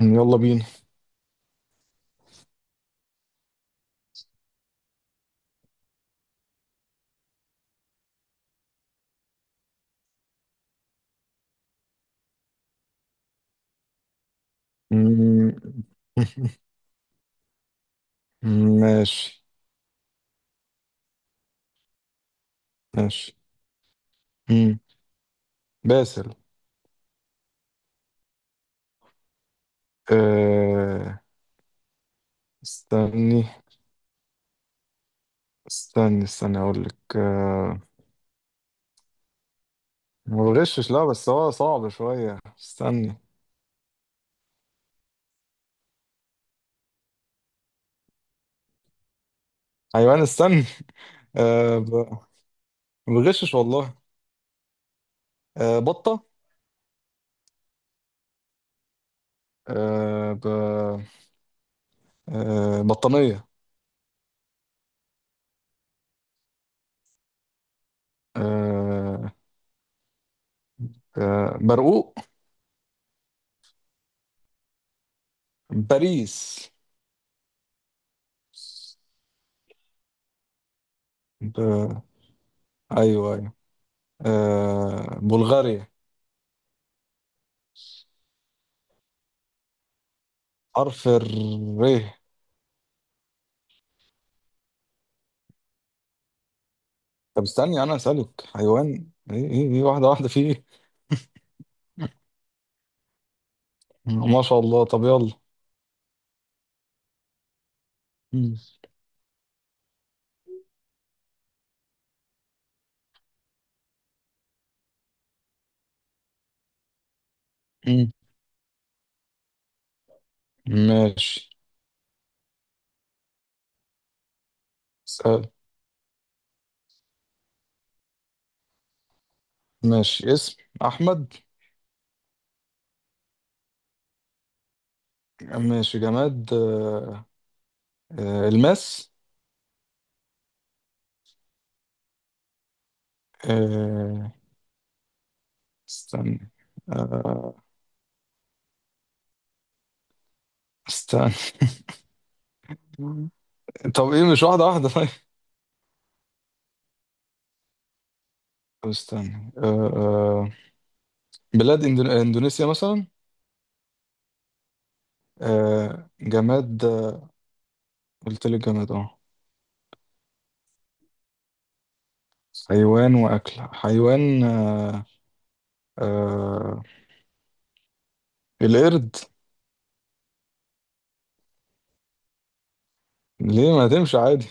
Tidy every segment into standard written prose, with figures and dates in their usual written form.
يلا بينا. مم. ماشي، ماشي. مم. باسل، أه... استني، استني، استني، اقول لك. ما بغشش، لا بس هو صعب شوية. استني. حيوان، استني. أه... ب... ما بغشش والله. بطة. أه... ب... بطانية. أه... برقوق. باريس. ب... ايوه، ايوه، بلغاريا. حرف الر. طب استني انا اسالك حيوان، ايه ايه ايه، واحده واحده، في ايه؟ ما شاء الله، طب يلا. مم. مم. ماشي، اسال. ماشي، اسم احمد. ماشي جماد. الماس. آه استني. آه استني طب ايه، مش واحده واحده؟ طيب، طب استني. آه بلاد اندونيسيا مثلا. جماد. قلت لك جماد، اه. حيوان واكل، حيوان، آه، القرد. ليه ما تمشي عادي؟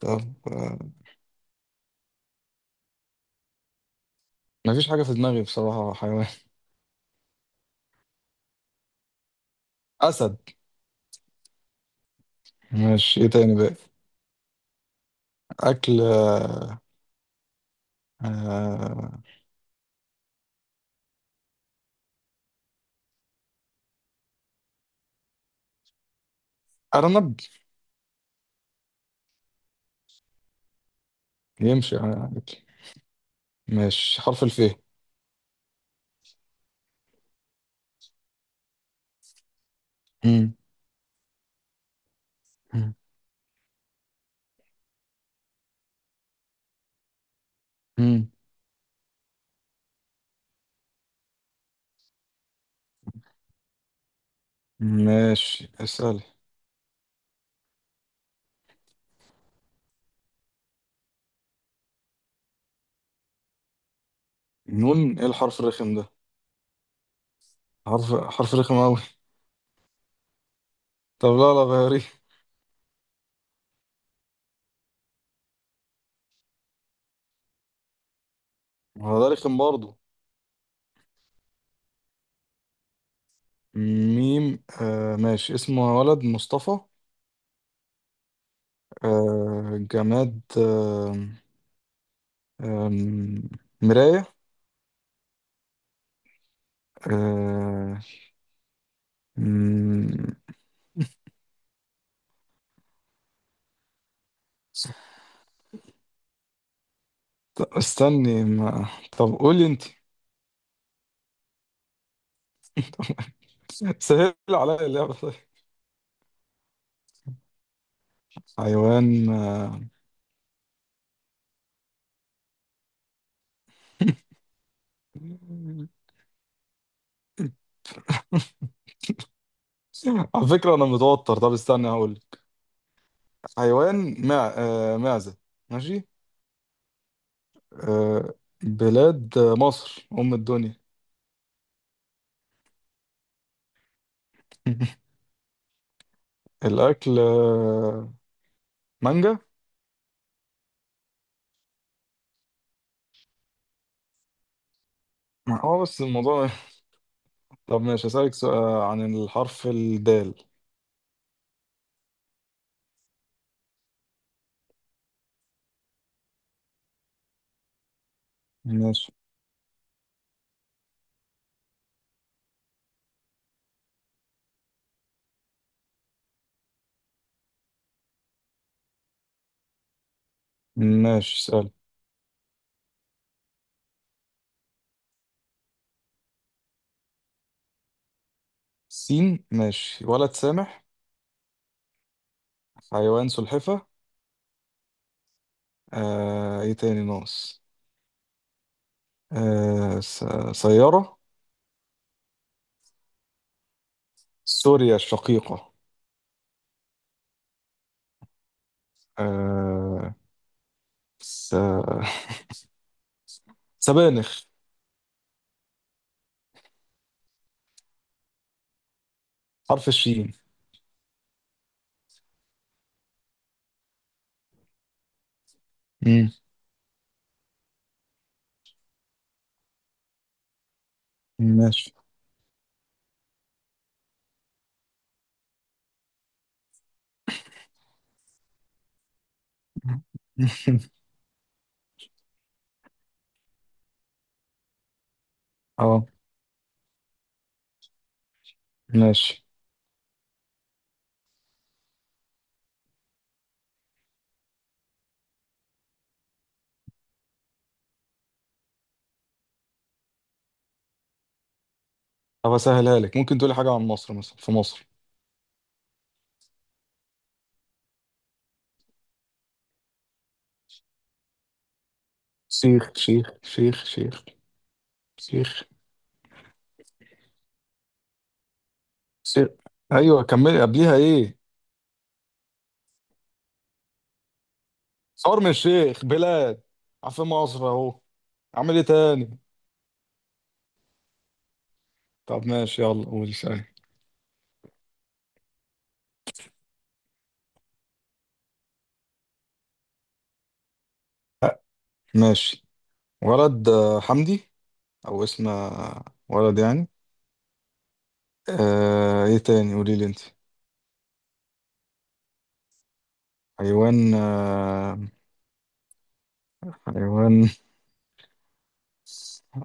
طب، آه، مفيش حاجة في دماغي بصراحة. حيوان، أسد. ماشي، إيه تاني بقى؟ أكل، آه، أرنب. يمشي عادي. ماشي حرف الف. مم. مم. مم. ماشي، اسألي. نون؟ إيه الحرف الرخم ده؟ حرف حرف رخم أوي. طب لا، لا، غيريه. هو ده رخم برضه. ميم، ماشي. اسمه ولد مصطفى. جماد. آه مراية. آه... مم، استني ما... طب قولي انت. سهل عليا اللعبة، طيب. حيوان، على فكرة أنا متوتر. طب استنى هقول لك. حيوان، معزة. ماشي. آه... بلاد، مصر أم الدنيا. الأكل، مانجا. اه بس الموضوع. طب ماشي، هسألك سؤال عن الحرف الدال. ماشي. ماشي سؤال. سين. ماشي، ولد سامح. حيوان سلحفة. ايه تاني ناقص؟ آه س- سيارة. سوريا الشقيقة. آه س... سبانخ. حرف الشين. مم. ماشي. اه ماشي. طب اسهلها لك، ممكن تقولي حاجة عن مصر مثلا، في مصر شيخ، شيخ، شيخ، شيخ، شيخ، شيخ. ايوه كملي، قبليها ايه؟ شرم الشيخ، بلاد. عارفين مصر اهو. اعمل ايه تاني؟ طب ماشي، يلا قول سألني. ماشي، ولد حمدي. او اسم ولد يعني. ايه تاني؟ قولي لي انت. حيوان، حيوان،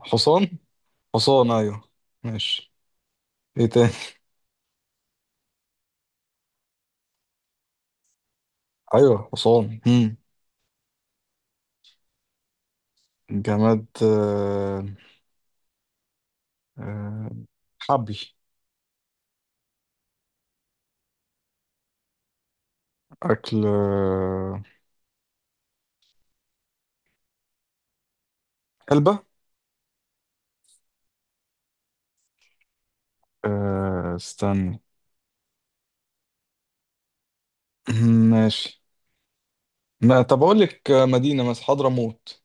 حصان. حصان، ايوه. ماشي، ايه تاني؟ ايوه، حصان. مم. جماد، آه حبل. اكل، علبة. استنى. ماشي. ما طب اقول لك مدينة، مثلا حضرموت.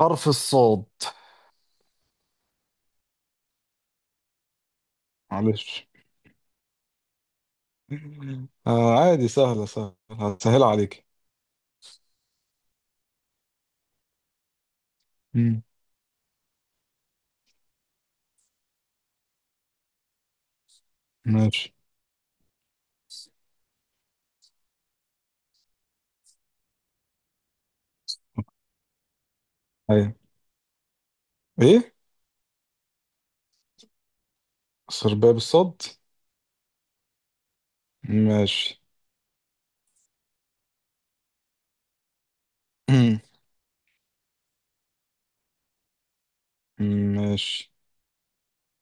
حرف الصاد. معلش. عادي، سهلة، سهلة، هسهلها عليك. مم. ماشي. ايوه. ايه سرباب الصد؟ ماشي. ماشي.